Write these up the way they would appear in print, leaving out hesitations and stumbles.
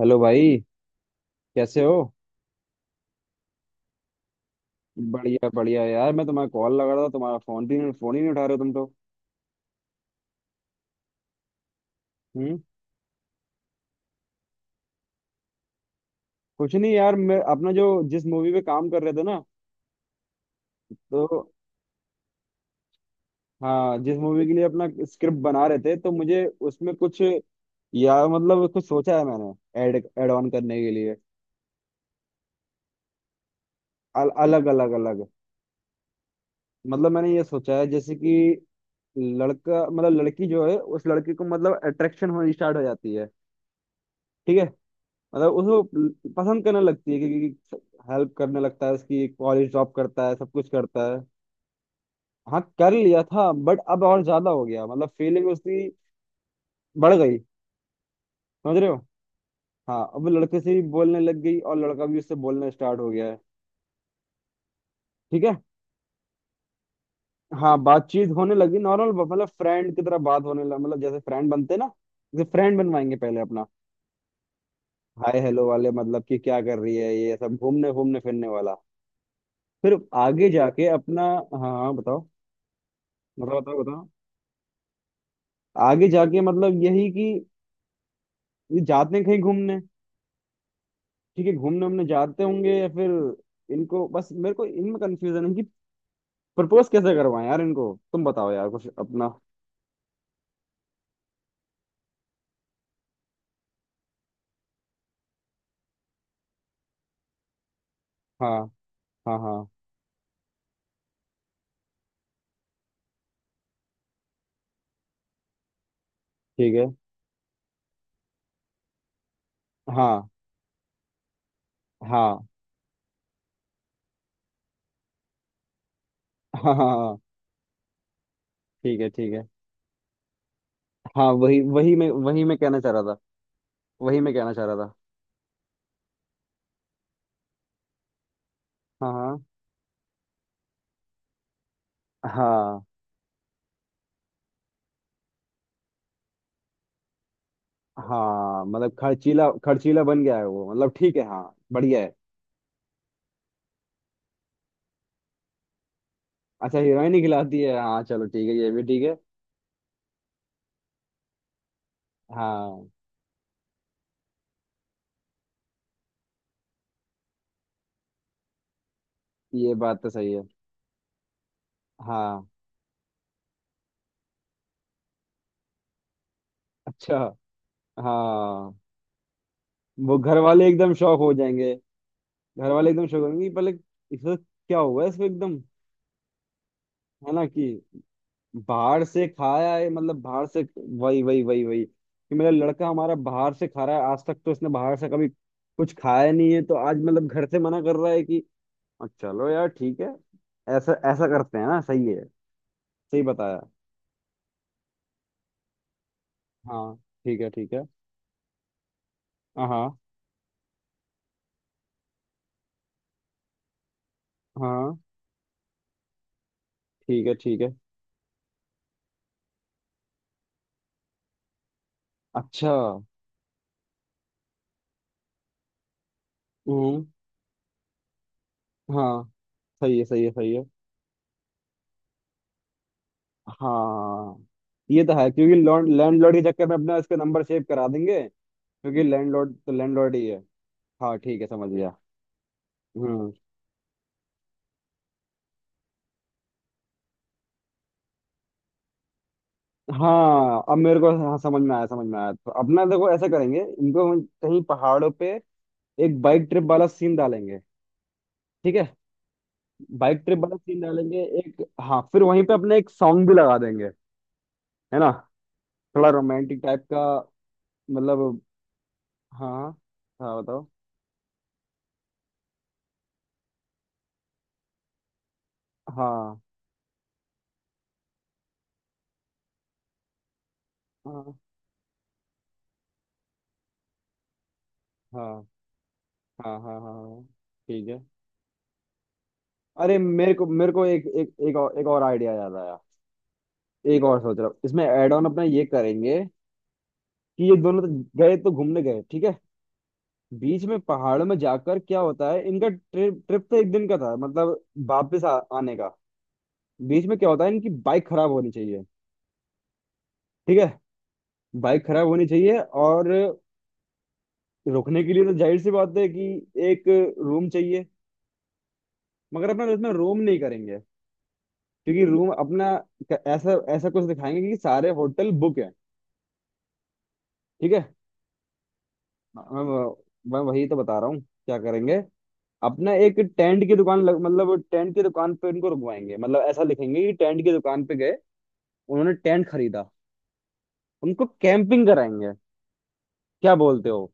Hello भाई। कैसे हो? बढ़िया बढ़िया यार। मैं तुम्हारा कॉल लगा रहा था। तुम्हारा फोन ही नहीं उठा रहे हो तुम तो। हम्म। कुछ नहीं यार, मैं अपना जो जिस मूवी पे काम कर रहे थे ना, तो हाँ, जिस मूवी के लिए अपना स्क्रिप्ट बना रहे थे तो मुझे उसमें कुछ, यार मतलब कुछ सोचा है मैंने ऐड ऐड ऑन करने के लिए। अल, अलग अलग अलग। मतलब मैंने ये सोचा है जैसे कि लड़का, मतलब लड़की जो है उस लड़के को, मतलब अट्रैक्शन होनी स्टार्ट हो जाती है। ठीक है। मतलब उसको पसंद करने लगती है, क्योंकि हेल्प करने लगता है उसकी, कॉलेज ड्रॉप करता है, सब कुछ करता है। हाँ, कर लिया था बट अब और ज्यादा हो गया, मतलब फीलिंग उसकी बढ़ गई। समझ रहे हो? हाँ, अब वो लड़के से भी बोलने लग गई और लड़का भी उससे बोलना स्टार्ट हो गया है। ठीक है। हाँ, बातचीत होने लगी नॉर्मल, मतलब फ्रेंड की तरह बात होने लगी, मतलब जैसे फ्रेंड बनते ना, जैसे फ्रेंड बनवाएंगे पहले अपना, हाय हेलो वाले, मतलब कि क्या कर रही है, ये सब घूमने घूमने फिरने वाला। फिर आगे जाके अपना हाँ हाँ, बताओ बताओ बताओ बताओ। आगे जाके मतलब यही कि ये जाते हैं कहीं घूमने। ठीक है, घूमने हमने जाते होंगे, या फिर इनको, बस मेरे को इनमें कंफ्यूजन है कि प्रपोज कैसे करवाएं। यार इनको तुम बताओ, यार कुछ अपना। हाँ हाँ हाँ। ठीक है। हाँ हाँ हाँ हाँ हाँ, ठीक है ठीक है। हाँ, वही वही मैं कहना चाह रहा था। वही मैं कहना चाह रहा था। हाँ हाँ हाँ हाँ। मतलब खर्चीला खर्चीला बन गया है वो, मतलब ठीक है, हाँ बढ़िया है। अच्छा, हीरोइन ही खिलाती है, हाँ चलो ठीक है, ये भी ठीक है। हाँ, ये बात तो सही है। हाँ। अच्छा। हाँ। वो घर वाले एकदम शौक हो जाएंगे, घर वाले एकदम शौक होंगे कि पहले इसको क्या हुआ है, इसको एकदम, है ना, कि बाहर से खाया है, मतलब बाहर से। वही वही वही वही कि मेरा लड़का हमारा बाहर से खा रहा है, आज तक तो इसने बाहर से कभी कुछ खाया नहीं है, तो आज मतलब घर से मना कर रहा है कि "अ, चलो यार ठीक है, ऐसा ऐसा करते हैं ना, सही है। सही बताया। हाँ ठीक है ठीक है। हाँ हाँ हाँ, ठीक है ठीक है। अच्छा। हम्म। हाँ, सही है सही है सही है। हाँ, ये तो है क्योंकि लैंडलॉर्ड के चक्कर में अपना इसका नंबर सेव करा देंगे, क्योंकि लैंडलॉर्ड तो लैंडलॉर्ड ही है। हाँ ठीक है, समझ गया। हम्म। हाँ, अब मेरे को हाँ, समझ में आया समझ में आया। तो अपना देखो ऐसा करेंगे, इनको हम कहीं पहाड़ों पे एक बाइक ट्रिप वाला सीन डालेंगे। ठीक है, बाइक ट्रिप वाला सीन डालेंगे एक, हाँ फिर वहीं पे अपने एक सॉन्ग भी लगा देंगे। है ना, थोड़ा रोमांटिक टाइप का। मतलब, हाँ हाँ बताओ। हाँ हाँ हाँ हाँ हाँ हाँ हाँ, ठीक है। अरे मेरे को, मेरे को एक एक एक और आइडिया याद आया। एक और सोच रहा हूँ, इसमें एड ऑन अपना ये करेंगे कि ये दोनों तो गए तो घूमने गए, ठीक है, बीच में पहाड़ों में जाकर क्या होता है, इनका ट्रिप, ट्रिप तो एक दिन का था मतलब, वापस आने का। बीच में क्या होता है, इनकी बाइक खराब होनी चाहिए। ठीक है, बाइक खराब होनी चाहिए, और रुकने के लिए तो जाहिर सी बात है कि एक रूम चाहिए, मगर अपना इसमें रूम नहीं करेंगे, क्योंकि रूम अपना ऐसा ऐसा कुछ दिखाएंगे कि सारे होटल बुक। ठीक है। मैं मैं वही तो बता रहा हूँ क्या करेंगे। अपना एक टेंट की दुकान लग, मतलब टेंट की दुकान पे उनको रुकवाएंगे, मतलब ऐसा लिखेंगे कि टेंट की दुकान पे गए, उन्होंने टेंट खरीदा, उनको कैंपिंग कराएंगे। क्या बोलते हो?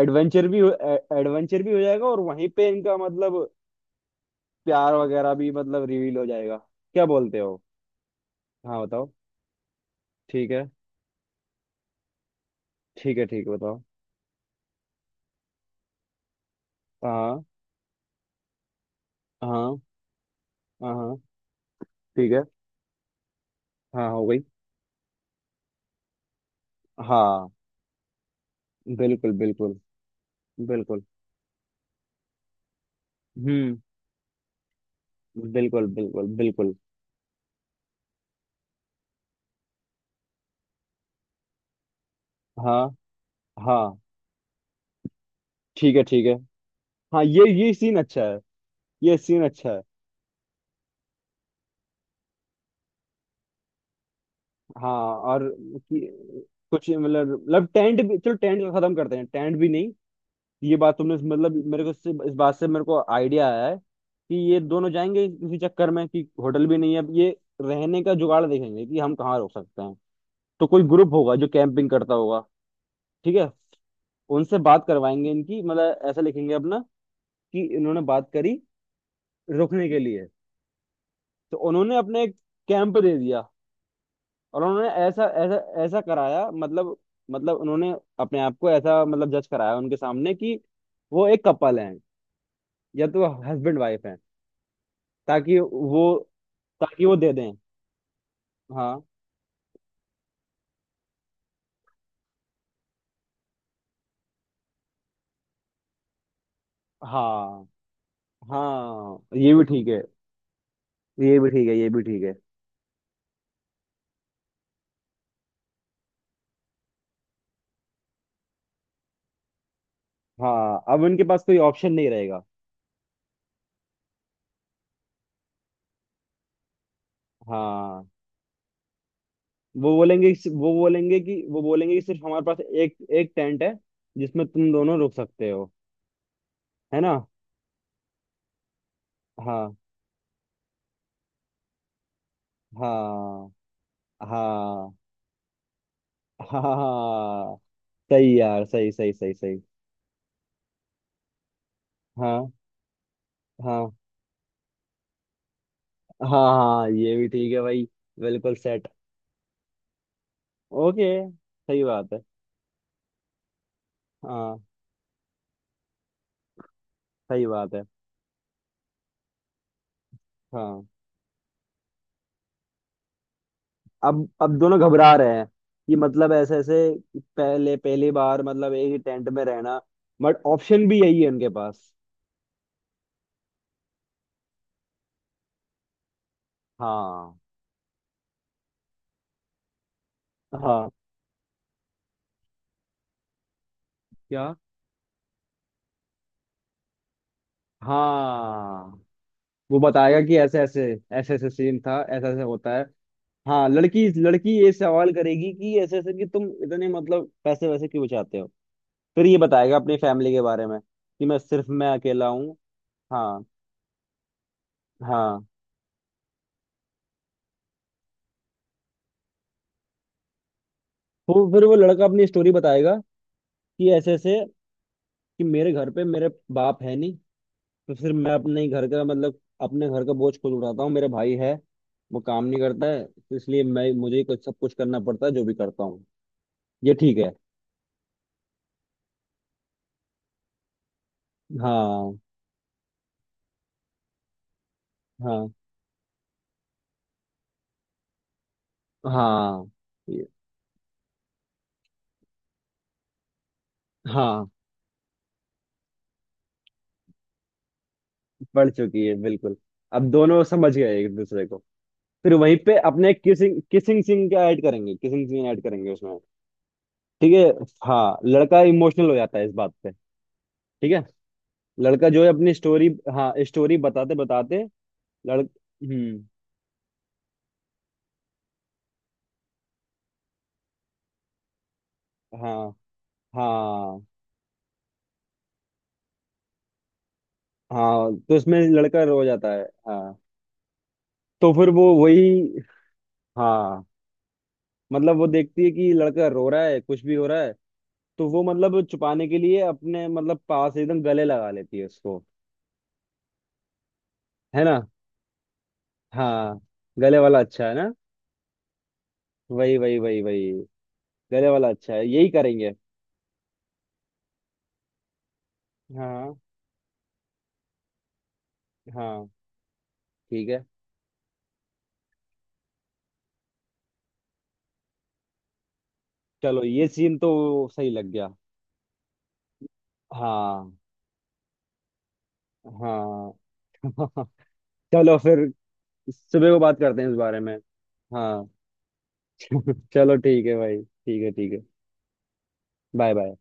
एडवेंचर भी हो जाएगा, और वहीं पे इनका मतलब प्यार वगैरह भी मतलब रिवील हो जाएगा। क्या बोलते हो? हाँ बताओ। ठीक है ठीक है, ठीक है बताओ। हाँ हाँ हाँ हाँ, ठीक है। हाँ हो गई। हाँ। बिल्कुल बिल्कुल बिल्कुल। हम्म। बिल्कुल बिल्कुल बिल्कुल। हाँ हाँ। ठीक है ठीक है। हाँ, ये सीन अच्छा है, ये सीन अच्छा है। हाँ। और कुछ मतलब टेंट भी, चलो टेंट का खत्म करते हैं, टेंट भी नहीं। ये बात तुमने, मतलब मेरे को इससे, इस बात से मेरे को आइडिया आया है कि ये दोनों जाएंगे इसी चक्कर में कि होटल भी नहीं है, अब ये रहने का जुगाड़ देखेंगे कि हम कहाँ रुक सकते हैं, तो कोई ग्रुप होगा जो कैंपिंग करता होगा। ठीक है। उनसे बात करवाएंगे इनकी, मतलब ऐसा लिखेंगे अपना कि इन्होंने बात करी रुकने के लिए, तो उन्होंने अपने एक कैंप दे दिया और उन्होंने ऐसा ऐसा ऐसा कराया, मतलब उन्होंने अपने आप को ऐसा मतलब जज कराया उनके सामने कि वो एक कपल हैं, या तो हस्बैंड वाइफ हैं, ताकि वो ताकि वो दे दें। हाँ हाँ हाँ, ये भी ठीक है, ये भी ठीक है, ये भी ठीक है। हाँ, अब उनके पास कोई ऑप्शन नहीं रहेगा। हाँ, वो बोलेंगे कि सिर्फ हमारे पास एक एक टेंट है जिसमें तुम दोनों रुक सकते हो। है ना? हाँ हाँ हाँ हाँ हाँ, हाँ, हाँ। सही यार, सही सही सही सही। हाँ हाँ हाँ, हाँ ये भी ठीक है भाई। बिल्कुल सेट। ओके। सही बात है। हाँ, सही बात है। हाँ, अब दोनों घबरा रहे हैं कि, मतलब ऐसे ऐसे पहले, पहली बार मतलब एक ही टेंट में रहना, बट ऑप्शन भी यही है उनके पास। हाँ हाँ। क्या? हाँ, वो बताएगा कि ऐसे ऐसे सीन था, ऐसा ऐसे होता है। हाँ, लड़की लड़की ये सवाल करेगी कि ऐसे ऐसे कि तुम इतने मतलब पैसे वैसे क्यों बचाते हो। फिर ये बताएगा अपनी फैमिली के बारे में कि मैं सिर्फ, मैं अकेला हूँ। हाँ हाँ। तो फिर वो लड़का अपनी स्टोरी बताएगा कि ऐसे ऐसे, कि मेरे घर पे मेरे बाप है नहीं, तो फिर मैं अपने ही घर का, मतलब अपने घर का बोझ खुद उठाता हूँ, मेरा भाई है वो काम नहीं करता है, तो इसलिए मैं, मुझे ही कुछ सब कुछ करना पड़ता है, जो भी करता हूँ। ये ठीक है। हाँ हाँ हाँ। ये- हाँ, बढ़ चुकी है बिल्कुल। अब दोनों समझ गए एक दूसरे को। फिर वहीं पे अपने किसिंग किसिंग सीन का ऐड करेंगे, किसिंग सीन ऐड करेंगे उसमें। ठीक है। हाँ, लड़का इमोशनल हो जाता है इस बात पे। ठीक है, लड़का जो है अपनी स्टोरी, हाँ स्टोरी बताते बताते, लड़ हम्म। हाँ हाँ हाँ, तो इसमें लड़का रो जाता है। हाँ, तो फिर वो वही। हाँ, मतलब वो देखती है कि लड़का रो रहा है कुछ भी हो रहा है, तो वो मतलब छुपाने के लिए अपने, मतलब पास एकदम गले लगा लेती है उसको। है ना? हाँ, गले वाला अच्छा है ना। वही वही वही वही, गले वाला अच्छा है, यही करेंगे। हाँ हाँ, ठीक है। चलो, ये सीन तो सही लग गया। हाँ हाँ। चलो फिर, सुबह को बात करते हैं इस बारे में। हाँ। चलो ठीक है भाई, ठीक है ठीक है। Bye bye.